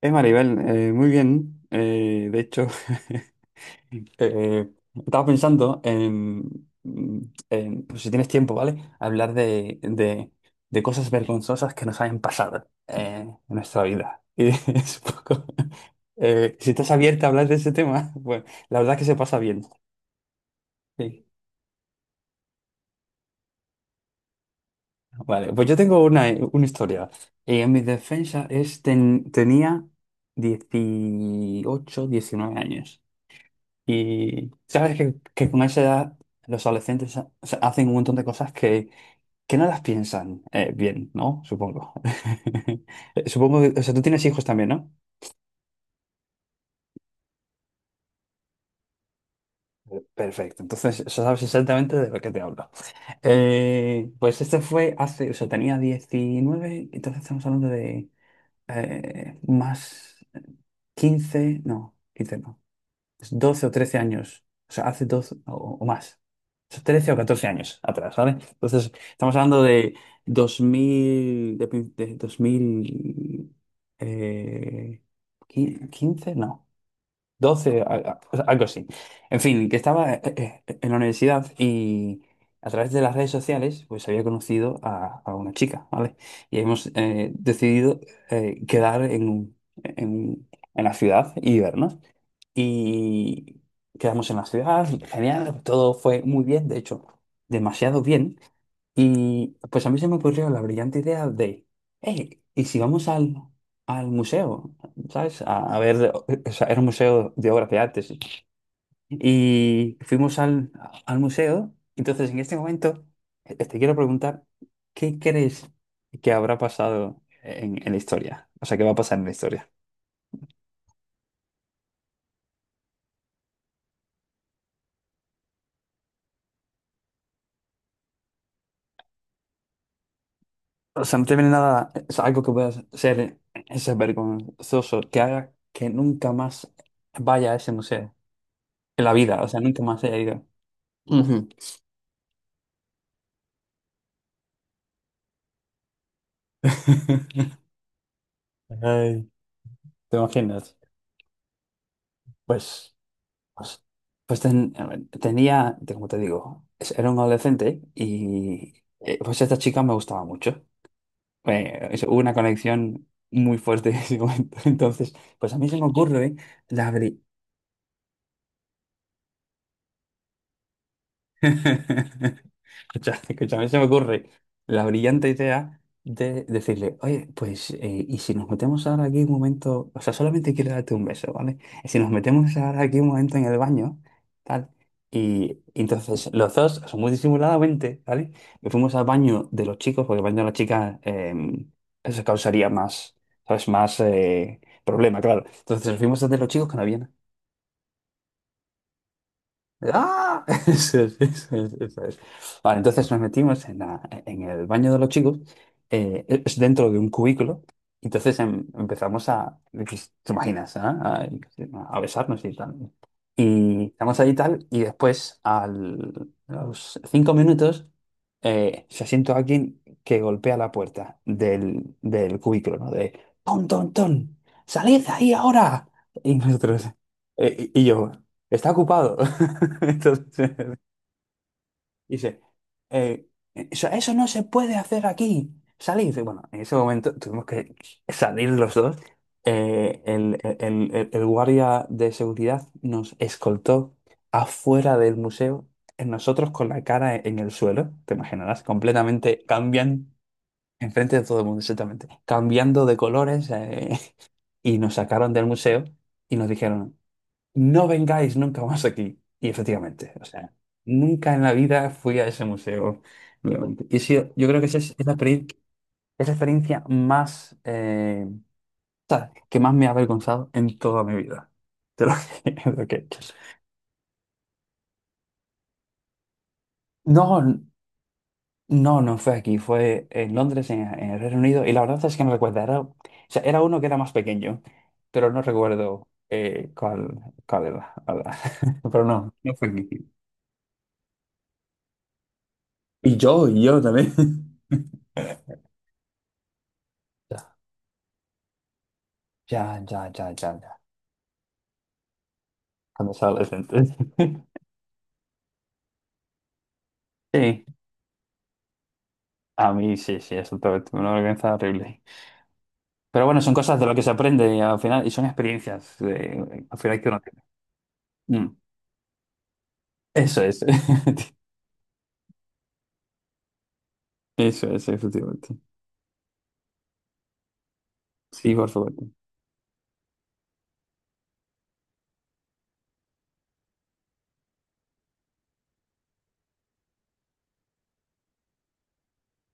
Es Maribel, muy bien. De hecho, eh, estaba pensando en, pues, si tienes tiempo, ¿vale? Hablar de cosas vergonzosas que nos hayan pasado en nuestra vida. Y es un poco, si estás abierta a hablar de ese tema, pues la verdad es que se pasa bien. Sí. Vale, pues yo tengo una historia. Y en mi defensa tenía 18 19 años. Y sabes que con esa edad los adolescentes o sea, hacen un montón de cosas que no las piensan bien, ¿no? Supongo. Supongo que, o sea, tú tienes hijos también, ¿no? Perfecto, entonces, o sea, sabes exactamente de lo que te hablo. Pues este fue hace, o sea, tenía 19, entonces estamos hablando de más, 15 no, 15 no. Es 12 o 13 años, o sea, hace 12 o más, o sea, 13 o 14 años atrás, ¿vale? Entonces, estamos hablando de 2000, de 2000, eh, 15, no, 12, o sea, algo así. En fin, que estaba en la universidad y a través de las redes sociales, pues había conocido a una chica, ¿vale? Y hemos decidido quedar en, en la ciudad y vernos, y quedamos en la ciudad. Genial, todo fue muy bien, de hecho, demasiado bien. Y pues a mí se me ocurrió la brillante idea de, hey, ¿y si vamos al museo? ¿Sabes? A ver, o sea, era un museo de obras de artes. Y fuimos al museo. Entonces, en este momento te quiero preguntar, ¿qué crees que habrá pasado en la historia? O sea, ¿qué va a pasar en la historia? O sea, no te viene nada, o sea, algo que puedas hacer es vergonzoso, que haga que nunca más vaya a ese museo en la vida, o sea, nunca más haya ido. Ujú. Ay, ¿te imaginas? Pues, pues, pues, a ver, tenía, como te digo, era un adolescente, y pues esta chica me gustaba mucho. Hubo una conexión muy fuerte en ese momento. Entonces, pues a mí se me ocurre. Escucha, escúchame, se me ocurre la brillante idea de decirle, oye, pues, y si nos metemos ahora aquí un momento, o sea, solamente quiero darte un beso, ¿vale? Y si nos metemos ahora aquí un momento en el baño, tal, y entonces los dos, son muy disimuladamente, ¿vale? Nos fuimos al baño de los chicos, porque el baño de las chicas, eso causaría más, ¿sabes? Más problema, claro. Entonces, nos fuimos al de los chicos, que no había. ¡Ah! Eso es, eso es, eso es. Vale, entonces nos metimos en el baño de los chicos, es dentro de un cubículo. Entonces empezamos a, pues, ¿te imaginas? Ah? A besarnos y tal. Y estamos ahí y tal, y después, a los 5 minutos, se siente alguien que golpea la puerta del cubículo, ¿no? ¡Ton, ton, ton! ¡Salid de ahí ahora! Y nosotros... Y yo, está ocupado. Entonces, dice, eh, eso no se puede hacer aquí, salid. Y bueno, en ese momento tuvimos que salir los dos. Eh, el, el- el guardia de seguridad nos escoltó afuera del museo, nosotros con la cara en el suelo, te imaginarás, completamente cambian. Enfrente de todo el mundo, exactamente. Cambiando de colores, y nos sacaron del museo y nos dijeron, no vengáis nunca más aquí. Y efectivamente, o sea, nunca en la vida fui a ese museo nuevamente. Y sí, yo creo que esa es es la experiencia más, o sea, que más me ha avergonzado en toda mi vida. De lo que, de lo que he hecho. No, no, no fue aquí, fue en Londres, en el Reino Unido, y la verdad es que no recuerdo, era, o sea, era uno que era más pequeño, pero no recuerdo cuál era, la verdad. Pero no, no fue aquí. Y yo también. Ya, ya, ya, ya, ya, ya. Cuando es adolescente. Sí, a mí sí, sí, eso todo, una vergüenza horrible. Pero bueno, son cosas de lo que se aprende y, al final, y son experiencias al final que uno tiene. Mm, eso es, eso es, efectivamente. Sí, por supuesto.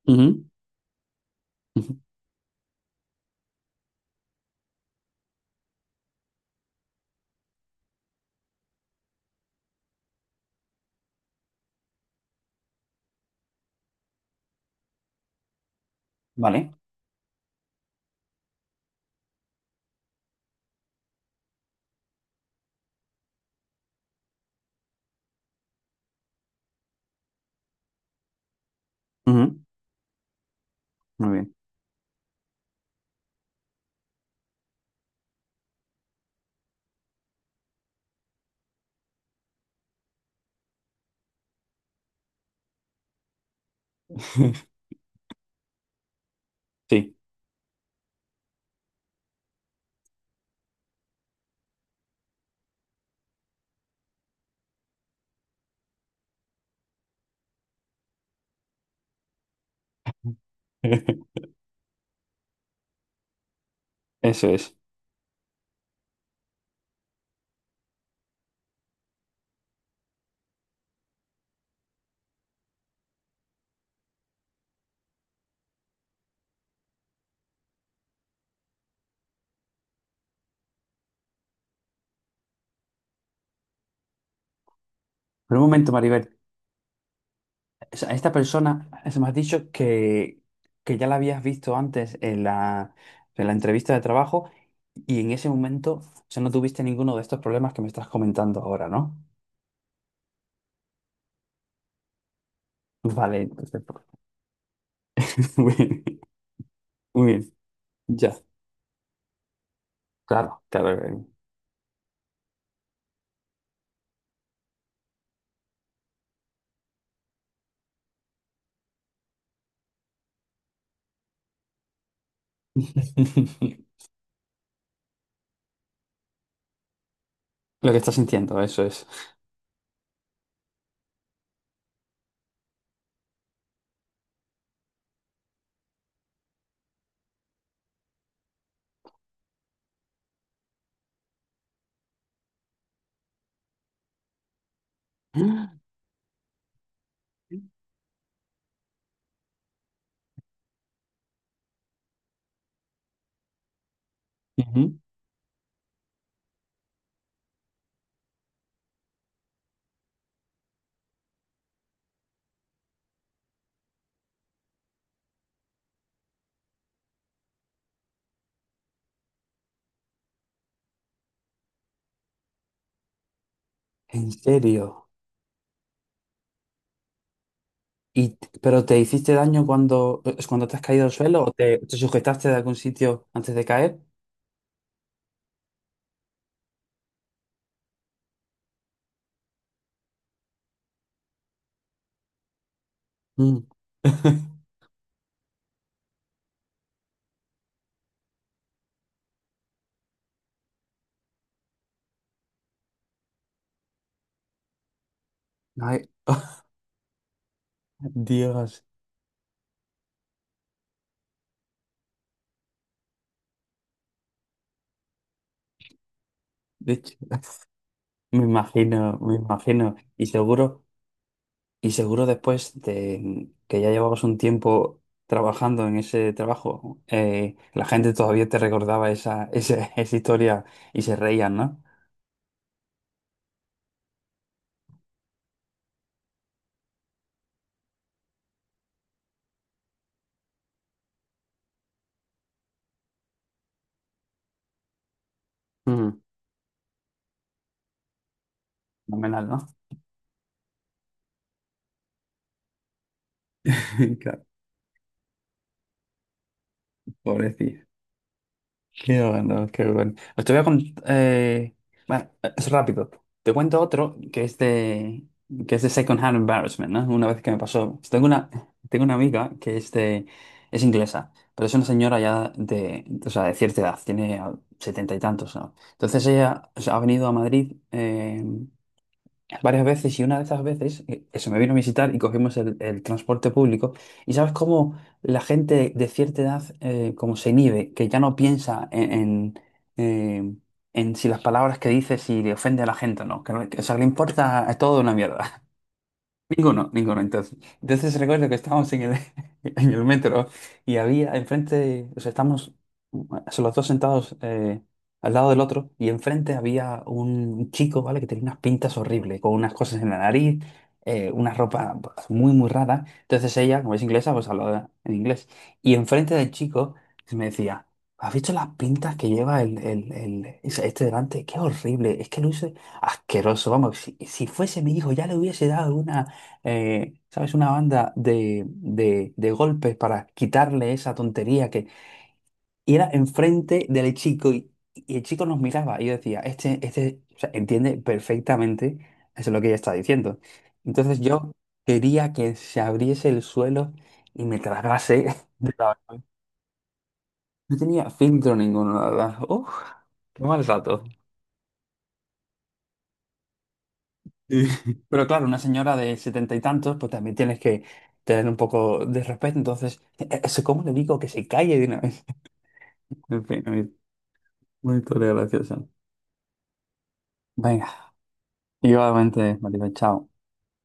Ujú, ujú. Vale, ujú, muy bien. Sí, eso es. Pero un momento, Maribel. O sea, esta persona, se me has dicho que ya la habías visto antes en la entrevista de trabajo. Y en ese momento, o sea, no tuviste ninguno de estos problemas que me estás comentando ahora, ¿no? Vale, perfecto. Muy bien, muy bien. Ya, claro, claro. Lo que estás sintiendo, eso es. Ujú. ¿En serio? ¿Y, pero te hiciste daño cuando, es cuando te has caído al suelo, o te sujetaste de algún sitio antes de caer? Mm. Ay, Dios, de hecho, me imagino, me imagino. Y seguro. Y seguro, después de que ya llevabas un tiempo trabajando en ese trabajo, la gente todavía te recordaba esa historia y se reían, ¿no? Ujú. Fenomenal, ¿no? Claro, pobrecillo. Qué bueno, qué bueno. Os te voy a contar. Bueno, es rápido. Te cuento otro que es de, second hand embarrassment, ¿no? Una vez que me pasó. Tengo una amiga que es inglesa, pero es una señora ya de, o sea, de cierta edad, tiene setenta y tantos, ¿no? Entonces ella, o sea, ha venido a Madrid, varias veces, y una de esas veces se me vino a visitar y cogimos el transporte público. ¿Y sabes cómo la gente de cierta edad como se inhibe, que ya no piensa en, eh, en si las palabras que dice, si le ofende a la gente o no? Que, o sea, le importa a todo una mierda. Ninguno, ninguno. Entonces, recuerdo que estábamos en el, en el metro, y había enfrente, o sea, estábamos, los dos sentados al lado del otro, y enfrente había un chico, ¿vale? Que tenía unas pintas horribles, con unas cosas en la nariz, una ropa pues, muy, muy rara. Entonces ella, como es inglesa, pues hablaba en inglés. Y enfrente del chico me decía, ¿has visto las pintas que lleva este delante? Qué horrible, es que luce asqueroso. Vamos, si fuese mi hijo ya le hubiese dado una ¿sabes? Una banda de golpes para quitarle esa tontería que... Y era enfrente del chico y el chico nos miraba, y yo decía, este, o sea, entiende perfectamente eso es lo que ella está diciendo. Entonces yo quería que se abriese el suelo y me tragase. De la-. No tenía filtro ninguno, la verdad. Uf, qué mal rato. Y- Pero claro, una señora de setenta y tantos, pues también tienes que tener un poco de respeto. Entonces, ¿eso cómo le digo que se calle de una vez? En fin, una historia graciosa. Venga, igualmente, Maribel, chao.